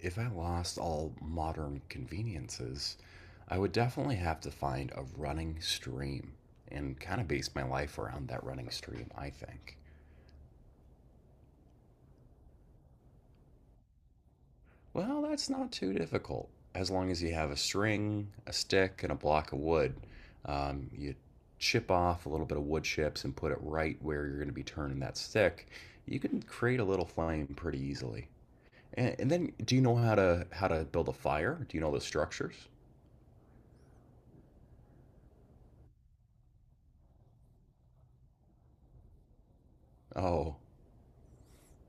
If I lost all modern conveniences, I would definitely have to find a running stream and kind of base my life around that running stream, I think. Well, that's not too difficult. As long as you have a string, a stick, and a block of wood, you chip off a little bit of wood chips and put it right where you're going to be turning that stick, you can create a little flame pretty easily. And then, do you know how to build a fire? Do you know the structures? Oh,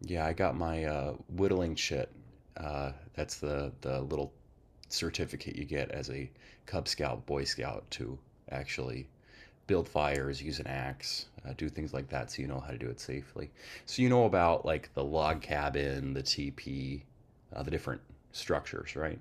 yeah, I got my whittling chit. That's the little certificate you get as a Cub Scout, Boy Scout to actually build fires, use an axe, do things like that, so you know how to do it safely. So you know about like the log cabin, the teepee, the different structures, right?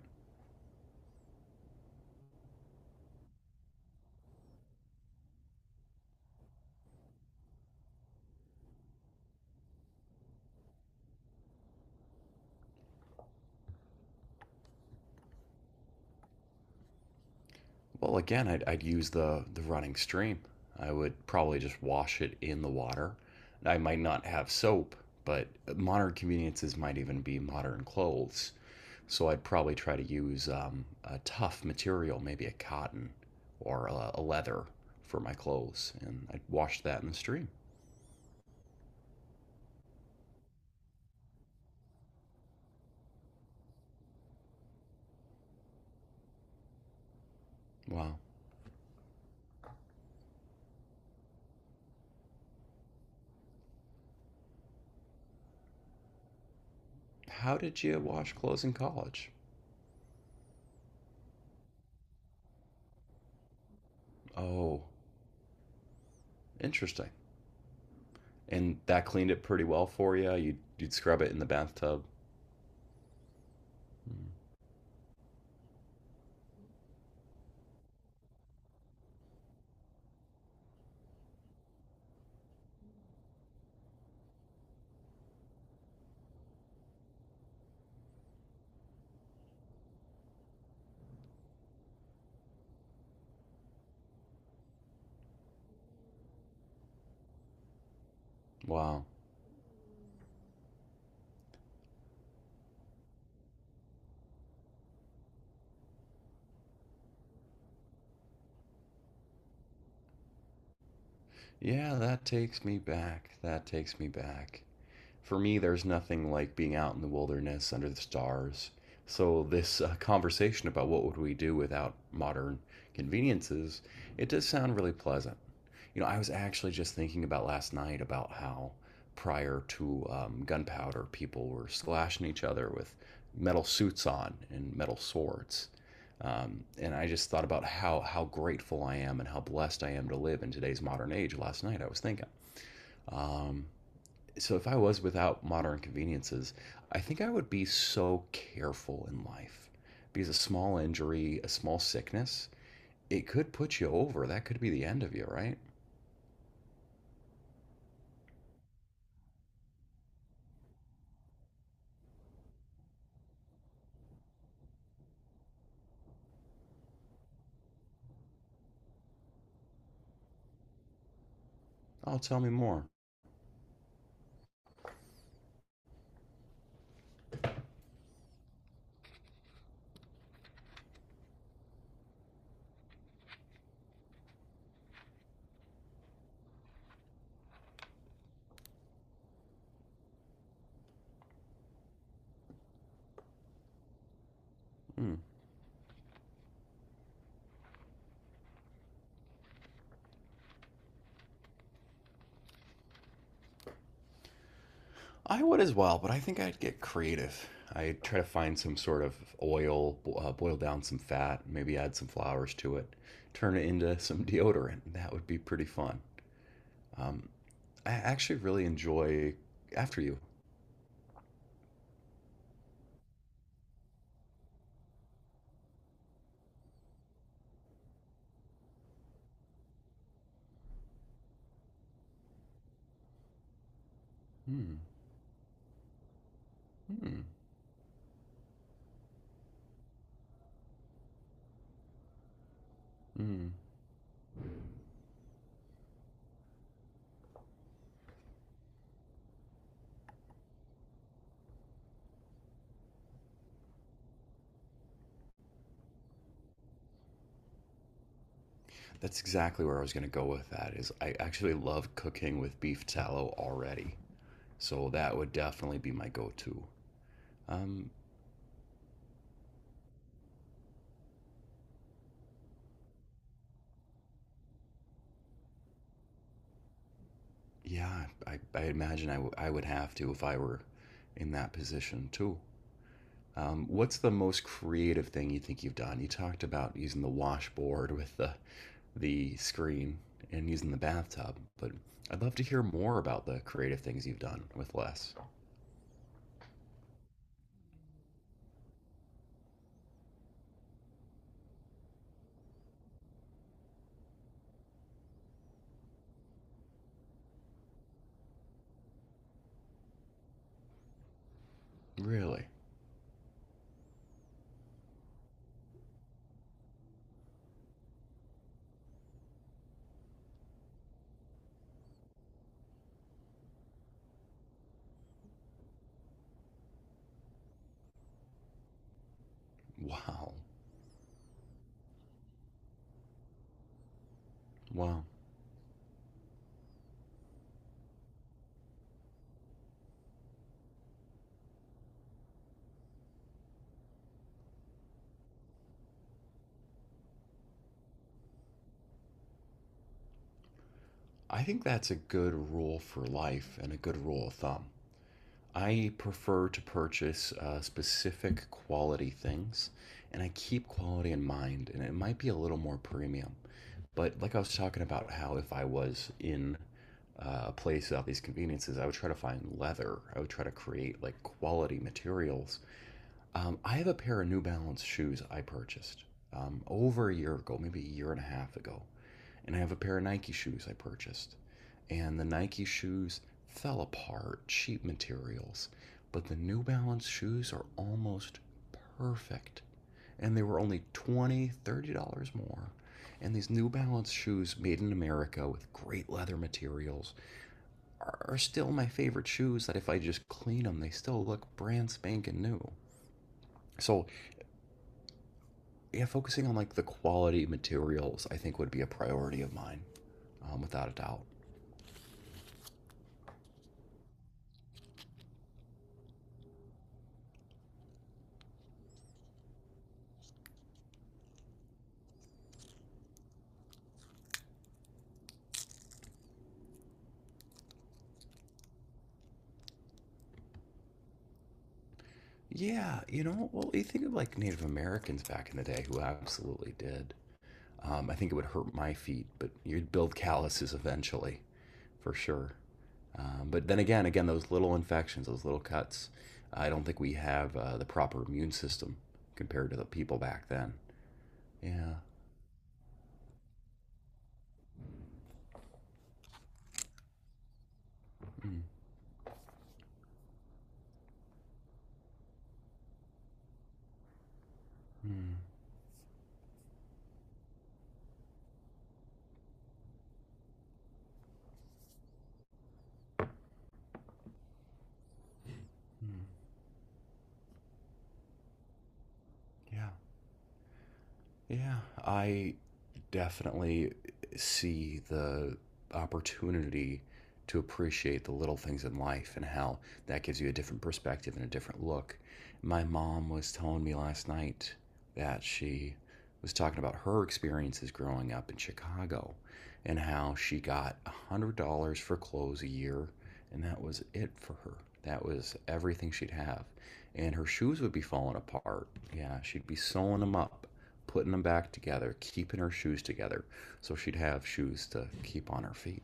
Well, again, I'd use the running stream. I would probably just wash it in the water. I might not have soap, but modern conveniences might even be modern clothes. So I'd probably try to use a tough material, maybe a cotton or a leather for my clothes, and I'd wash that in the stream. Wow. How did you wash clothes in college? Oh, interesting. And that cleaned it pretty well for you. You'd scrub it in the bathtub. Hmm. Wow. Yeah, that takes me back. That takes me back. For me, there's nothing like being out in the wilderness under the stars. So this conversation about what would we do without modern conveniences, it does sound really pleasant. You know, I was actually just thinking about last night about how prior to gunpowder, people were slashing each other with metal suits on and metal swords. And I just thought about how grateful I am and how blessed I am to live in today's modern age. Last night I was thinking, um, so if I was without modern conveniences, I think I would be so careful in life because a small injury, a small sickness, it could put you over. That could be the end of you, right? Oh, tell me more. Hmm. I would as well, but I think I'd get creative. I'd try to find some sort of oil, boil down some fat, maybe add some flowers to it, turn it into some deodorant. That would be pretty fun. Um, I actually really enjoy after you. Hmm. Hmm. Hmm. That's exactly where I was going to go with that. Is I actually love cooking with beef tallow already, so that would definitely be my go-to. Um, yeah, I imagine I would have to if I were in that position too. What's the most creative thing you think you've done? You talked about using the washboard with the screen and using the bathtub, but I'd love to hear more about the creative things you've done with less. Really? Wow. Wow. I think that's a good rule for life and a good rule of thumb. I prefer to purchase specific quality things and I keep quality in mind, and it might be a little more premium. But like I was talking about, how if I was in a place of these conveniences, I would try to find leather. I would try to create like quality materials. I have a pair of New Balance shoes I purchased over a year ago, maybe a year and a half ago, and I have a pair of Nike shoes I purchased. And the Nike shoes fell apart, cheap materials, but the New Balance shoes are almost perfect. And they were only 20, $30 more. And these New Balance shoes made in America with great leather materials are still my favorite shoes that if I just clean them, they still look brand spanking new. So, yeah, focusing on like the quality materials, I think would be a priority of mine, without a doubt. Yeah, you know, well, you think of like Native Americans back in the day who absolutely did. I think it would hurt my feet, but you'd build calluses eventually, for sure. But then again, again, those little infections, those little cuts, I don't think we have the proper immune system compared to the people back then. Yeah. Mm, mm, mm. Yeah. Yeah, I definitely see the opportunity to appreciate the little things in life and how that gives you a different perspective and a different look. My mom was telling me last night that she was talking about her experiences growing up in Chicago and how she got $100 for clothes a year, and that was it for her. That was everything she'd have and her shoes would be falling apart. Yeah, she'd be sewing them up, putting them back together, keeping her shoes together so she'd have shoes to keep on her feet.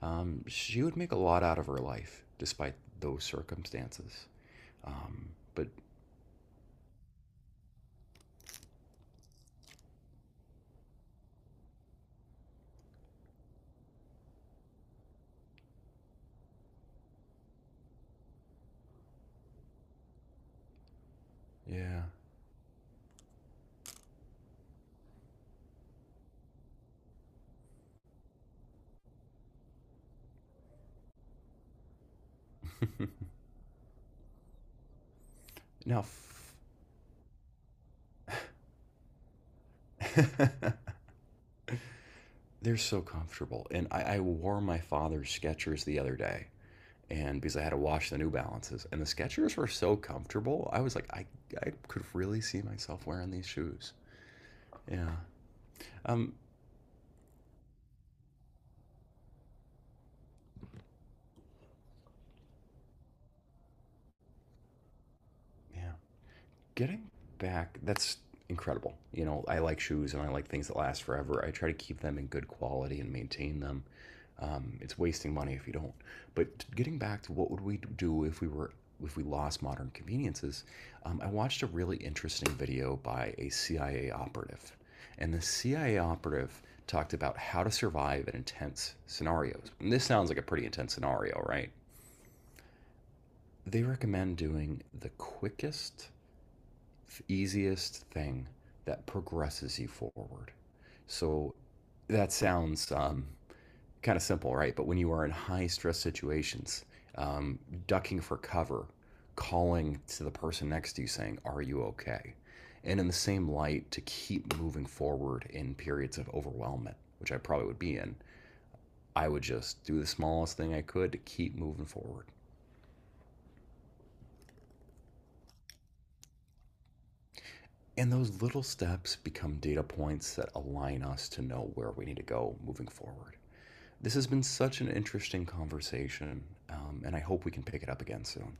She would make a lot out of her life despite those circumstances. But yeah. Now, f- they're so comfortable. And I wore my father's Skechers the other day. And because I had to wash the New Balances, and the Skechers were so comfortable, I was like, I could really see myself wearing these shoes. Yeah. Um. Yeah. Getting back, that's incredible. You know, I like shoes and I like things that last forever. I try to keep them in good quality and maintain them. It's wasting money if you don't. But getting back to what would we do if we were if we lost modern conveniences, I watched a really interesting video by a CIA operative, and the CIA operative talked about how to survive in intense scenarios. And this sounds like a pretty intense scenario, right? They recommend doing the quickest easiest thing that progresses you forward. So that sounds kind of simple, right? But when you are in high stress situations, um, ducking for cover, calling to the person next to you saying, Are you okay? And in the same light, to keep moving forward in periods of overwhelmment, which I probably would be in, I would just do the smallest thing I could to keep moving forward. And those little steps become data points that align us to know where we need to go moving forward. This has been such an interesting conversation, and I hope we can pick it up again soon.